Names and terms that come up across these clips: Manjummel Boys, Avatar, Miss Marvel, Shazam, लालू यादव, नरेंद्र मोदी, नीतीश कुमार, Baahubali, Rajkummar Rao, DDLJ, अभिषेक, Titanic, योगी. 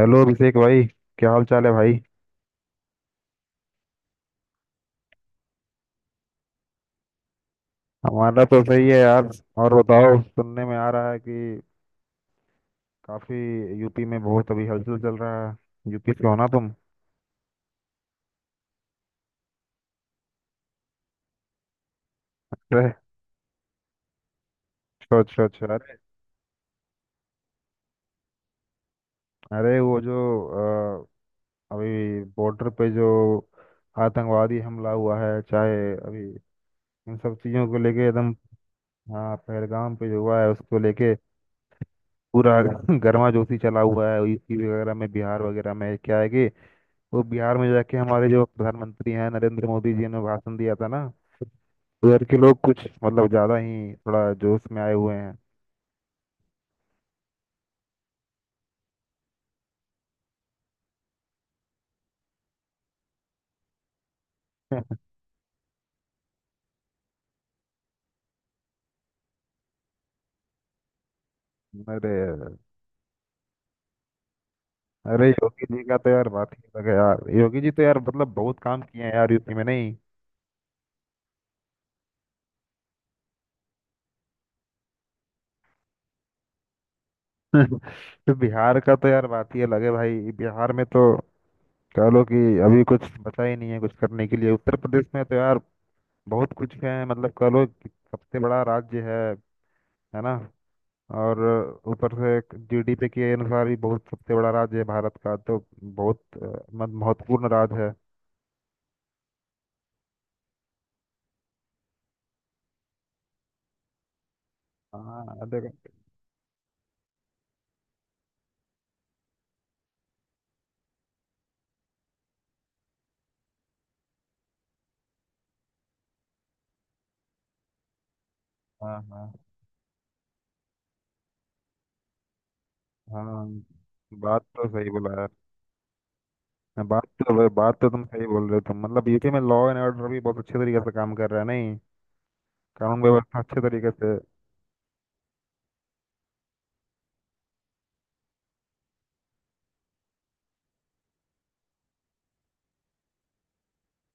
Hello अभिषेक भाई। क्या हाल चाल है भाई। हमारा तो सही है यार। और बताओ, सुनने में आ रहा है कि काफी यूपी में बहुत अभी हलचल चल रहा है। यूपी से हो ना तुम? अरे, अच्छा अच्छा अच्छा। अरे, अरे वो जो अ, अभी बॉर्डर पे जो आतंकवादी हमला हुआ है, चाहे अभी इन सब चीजों को लेके एकदम। हाँ पहलगाम पे जो हुआ है उसको लेके पूरा गर्मा जोशी चला हुआ है यूपी वगैरह में, बिहार वगैरह में। क्या है कि वो बिहार में जाके हमारे जो प्रधानमंत्री हैं नरेंद्र मोदी जी ने भाषण दिया था ना, उधर के लोग कुछ मतलब ज्यादा ही थोड़ा जोश में आए हुए हैं। अरे, अरे योगी जी का तो यार बात ही अलग है यार। योगी जी तो यार मतलब बहुत काम किए हैं यार यूपी में, नहीं? तो बिहार का तो यार बात ही अलग है भाई। बिहार में तो कह लो कि अभी कुछ बचा ही नहीं है कुछ करने के लिए। उत्तर प्रदेश में तो यार बहुत कुछ है, मतलब कह लो कि सबसे बड़ा राज्य है ना। और ऊपर से जीडीपी के अनुसार भी बहुत सबसे बड़ा राज्य है भारत का, तो बहुत महत्वपूर्ण राज्य है। हाँ देखो। हाँ हाँ हाँ, बात तो सही बोला यार। हाँ, बात तो तुम सही बोल रहे हो। तुम मतलब यूपी में लॉ एंड ऑर्डर भी बहुत अच्छे तरीके से काम कर रहा है, नहीं? कानून व्यवस्था अच्छे तरीके से।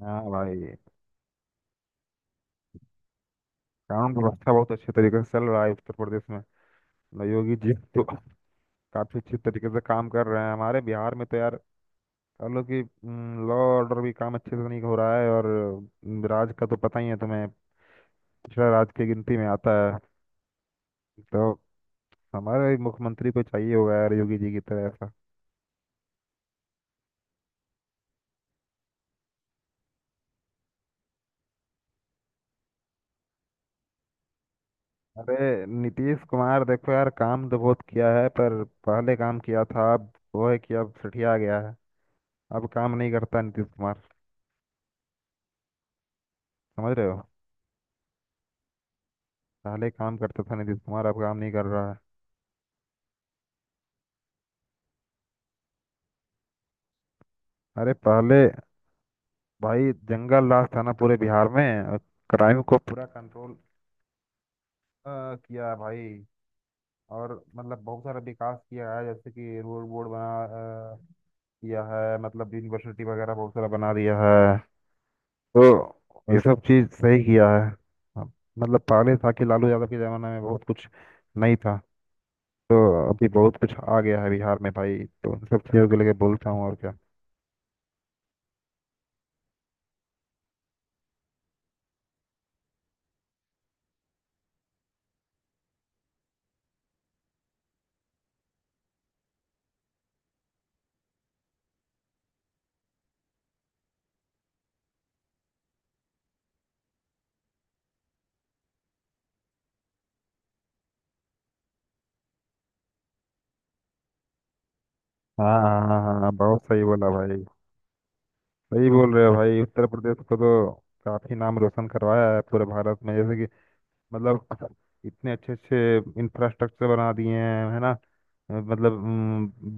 हाँ भाई। कानून व्यवस्था बहुत अच्छे तरीके से चल रहा है उत्तर प्रदेश में। मतलब योगी जी तो काफी अच्छे तरीके से काम कर रहे हैं। हमारे बिहार में तो यार और लोग की लॉ ऑर्डर भी काम अच्छे से नहीं हो रहा है। और राज का तो पता ही है तुम्हें, पिछड़ा राज की गिनती में आता है। तो हमारे मुख्यमंत्री को चाहिए होगा यार योगी जी की तरह ऐसा। अरे नीतीश कुमार देखो यार, काम तो बहुत किया है, पर पहले काम किया था। अब वो है कि अब सठिया गया है, अब काम नहीं करता नीतीश कुमार, समझ रहे हो। पहले काम करता था नीतीश कुमार, अब काम नहीं कर रहा है। अरे पहले भाई जंगल राज था ना पूरे बिहार में, क्राइम को पूरा कंट्रोल किया भाई। और मतलब बहुत सारा विकास किया है, जैसे कि रोड बोर्ड बना अ, किया है, मतलब यूनिवर्सिटी वगैरह बहुत सारा बना दिया है। तो ये सब चीज़ सही किया है। अब मतलब पहले था कि लालू यादव के ज़माने में बहुत कुछ नहीं था, तो अभी बहुत कुछ आ गया है बिहार में भाई, तो उन सब चीज़ों को लेके बोलता हूँ, और क्या। हाँ हाँ हाँ हाँ, बहुत सही बोला भाई। सही बोल रहे हो भाई, उत्तर प्रदेश को तो काफ़ी नाम रोशन करवाया है पूरे भारत में, जैसे कि मतलब इतने अच्छे अच्छे इंफ्रास्ट्रक्चर बना दिए हैं, है ना। मतलब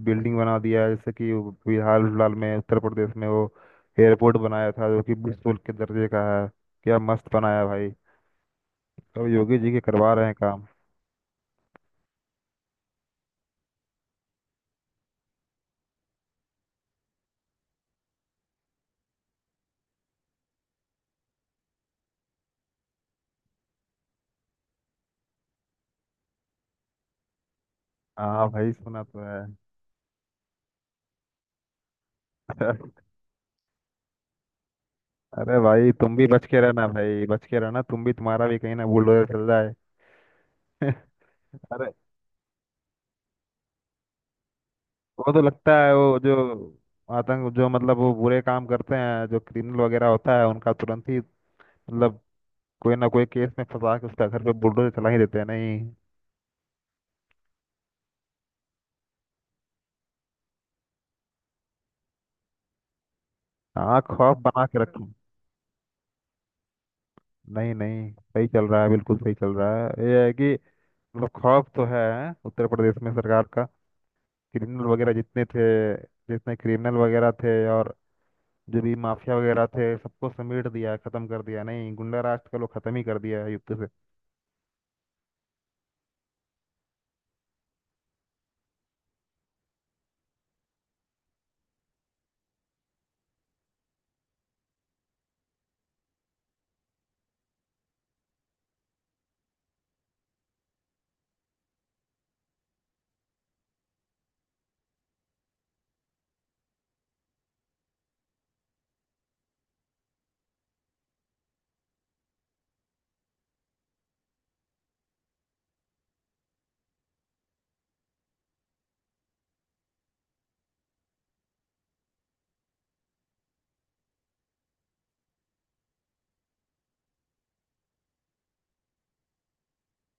बिल्डिंग बना दिया है, जैसे कि वो बिहार फिलहाल में उत्तर प्रदेश में वो एयरपोर्ट बनाया था जो कि विश्व के दर्जे का है। क्या मस्त बनाया भाई। सब योगी जी के करवा रहे हैं काम। हाँ भाई सुना तो है। अरे भाई तुम भी बच के रहना भाई, बच के रहना तुम भी, तुम्हारा भी कहीं ना बुलडोजर चल जाए। अरे वो तो लगता है, वो जो आतंक जो मतलब वो बुरे काम करते हैं, जो क्रिमिनल वगैरह होता है, उनका तुरंत ही मतलब कोई ना कोई केस में फंसा के उसका घर पे बुलडोजर चला ही देते हैं, नहीं। हाँ, खौफ बना के रखो। नहीं नहीं, सही चल रहा है, बिल्कुल सही चल रहा है। ये है कि मतलब खौफ तो है उत्तर प्रदेश में सरकार का। क्रिमिनल वगैरह जितने थे, जितने क्रिमिनल वगैरह थे और जो भी माफिया वगैरह थे सबको समेट दिया, खत्म कर दिया, नहीं गुंडा राज का लोग खत्म ही कर दिया है युद्ध से।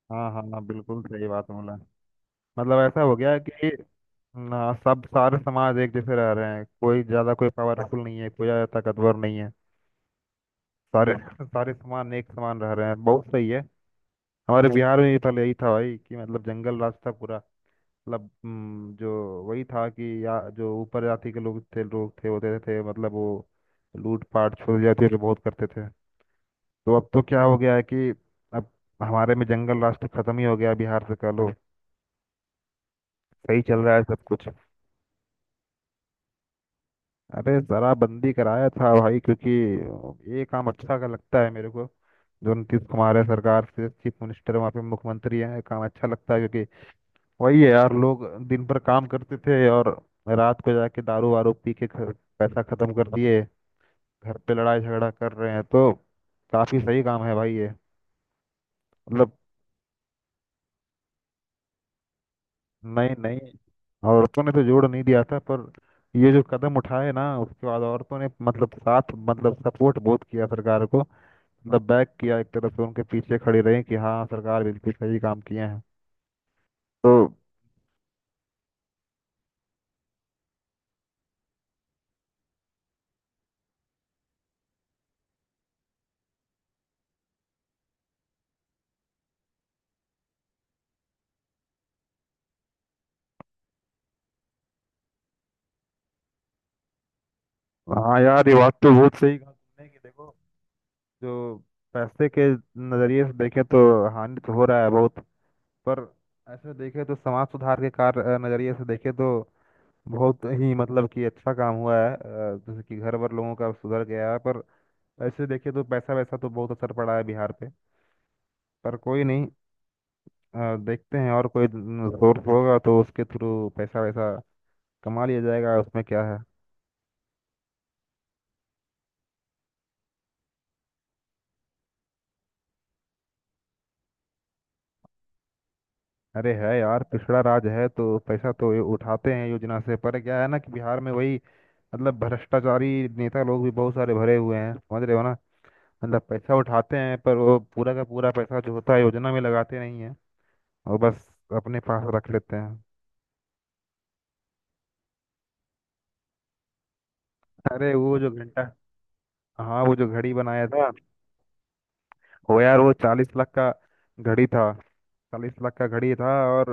हाँ हाँ हाँ, बिल्कुल सही बात बोला। मतलब ऐसा हो गया है कि ना सब सारे समाज एक जैसे रह रहे हैं, कोई ज्यादा कोई पावरफुल नहीं है, कोई ज्यादा ताकतवर नहीं है। सारे सारे सामान एक समान रह रहे हैं, बहुत सही है। हमारे बिहार में भी पहले यही था भाई कि मतलब जंगल राज था पूरा। मतलब जो वही था कि या जो ऊपर जाति के लोग थे होते थे, मतलब वो लूट पाट छोड़ जाते थे, बहुत करते थे। तो अब तो क्या हो गया है कि अब हमारे में जंगल राज तो खत्म ही हो गया बिहार से, कह लो। सही चल रहा है सब कुछ। अरे जरा बंदी कराया था भाई, क्योंकि ये काम अच्छा का लगता है मेरे को। जो नीतीश कुमार है सरकार से चीफ मिनिस्टर, वहाँ पे मुख्यमंत्री है, काम अच्छा लगता है, क्योंकि वही है यार, लोग दिन भर काम करते थे और रात को जाके दारू वारू पी के घर- पैसा खत्म कर दिए, घर पे लड़ाई झगड़ा कर रहे हैं, तो काफी सही काम है भाई ये, मतलब। नहीं नहीं, औरतों ने तो जोड़ नहीं दिया था, पर ये जो कदम उठाए ना उसके बाद औरतों ने मतलब साथ मतलब सपोर्ट बहुत किया सरकार को, मतलब बैक किया, एक तरफ से उनके पीछे खड़ी रही कि हाँ सरकार बिल्कुल सही काम किए हैं। तो हाँ यार, ये बात तो बहुत सही कहा तुमने, कि देखो जो पैसे के नज़रिए से देखें तो हानि तो हो रहा है बहुत, पर ऐसे देखें तो समाज सुधार के कार्य नज़रिए से देखें तो बहुत ही मतलब कि अच्छा काम हुआ है जैसे कि घर भर लोगों का सुधर गया है, पर ऐसे देखें तो पैसा वैसा तो बहुत असर पड़ा है बिहार पे। पर कोई नहीं, देखते हैं, और कोई सोर्स होगा तो उसके थ्रू पैसा वैसा कमा लिया जाएगा, उसमें क्या है। अरे है यार, पिछड़ा राज है तो पैसा तो ये उठाते हैं योजना से, पर क्या है ना कि बिहार में वही मतलब भ्रष्टाचारी नेता लोग भी बहुत सारे भरे हुए हैं, समझ रहे हो ना। मतलब पैसा उठाते हैं, पर वो पूरा का पूरा पैसा जो होता है योजना में लगाते नहीं है और बस अपने पास रख लेते हैं। अरे वो जो घंटा। हाँ वो जो घड़ी बनाया था। वो यार वो 40 लाख का घड़ी था, 40 लाख का घड़ी था और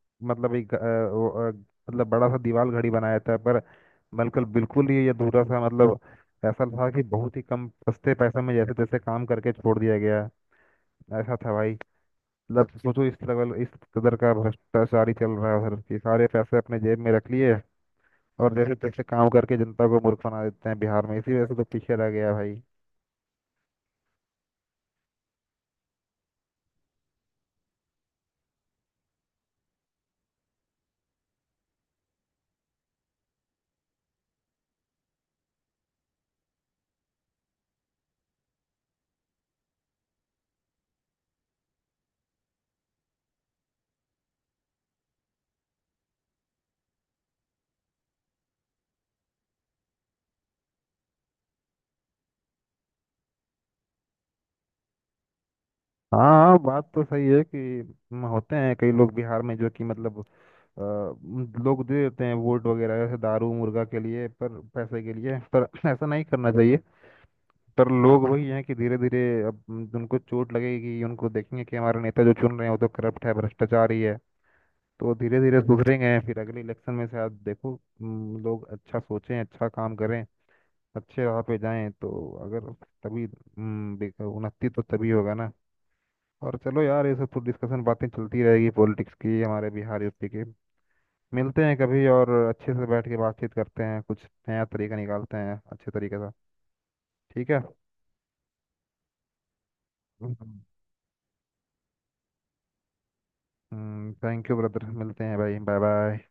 मतलब एक वो, अ, मतलब बड़ा सा दीवार घड़ी बनाया था, पर बिल्कुल बिल्कुल ही अधूरा सा, मतलब ऐसा था कि बहुत ही कम सस्ते पैसे में जैसे तैसे काम करके छोड़ दिया गया, ऐसा था भाई। मतलब सोचो इस लेवल, इस कदर का भ्रष्टाचारी चल रहा है उधर कि सारे पैसे अपने जेब में रख लिए और जैसे तैसे काम करके जनता को मूर्ख बना देते हैं। बिहार में इसी वजह से तो पीछे रह गया भाई। हाँ हाँ, बात तो सही है कि होते हैं कई लोग बिहार में जो कि मतलब लोग दे देते हैं वोट वगैरह, जैसे दारू मुर्गा के लिए, पर पैसे के लिए, पर ऐसा नहीं करना चाहिए। पर लोग वही हैं कि धीरे धीरे अब उनको चोट लगेगी, उनको देखेंगे कि हमारे नेता जो चुन रहे हैं वो तो करप्ट है, भ्रष्टाचारी है, तो धीरे धीरे सुधरेंगे, फिर अगले इलेक्शन में शायद देखो लोग अच्छा सोचें, अच्छा काम करें, अच्छे राह पे जाएं तो अगर, तभी देखो उन्नति तो तभी होगा ना। और चलो यार, ये सब तो डिस्कशन बातें चलती रहेगी पॉलिटिक्स की, हमारे बिहार यूपी की। मिलते हैं कभी और अच्छे से बैठ के बातचीत करते हैं, कुछ नया तरीका निकालते हैं अच्छे तरीके से, ठीक है। थैंक यू ब्रदर, मिलते हैं भाई, बाय बाय।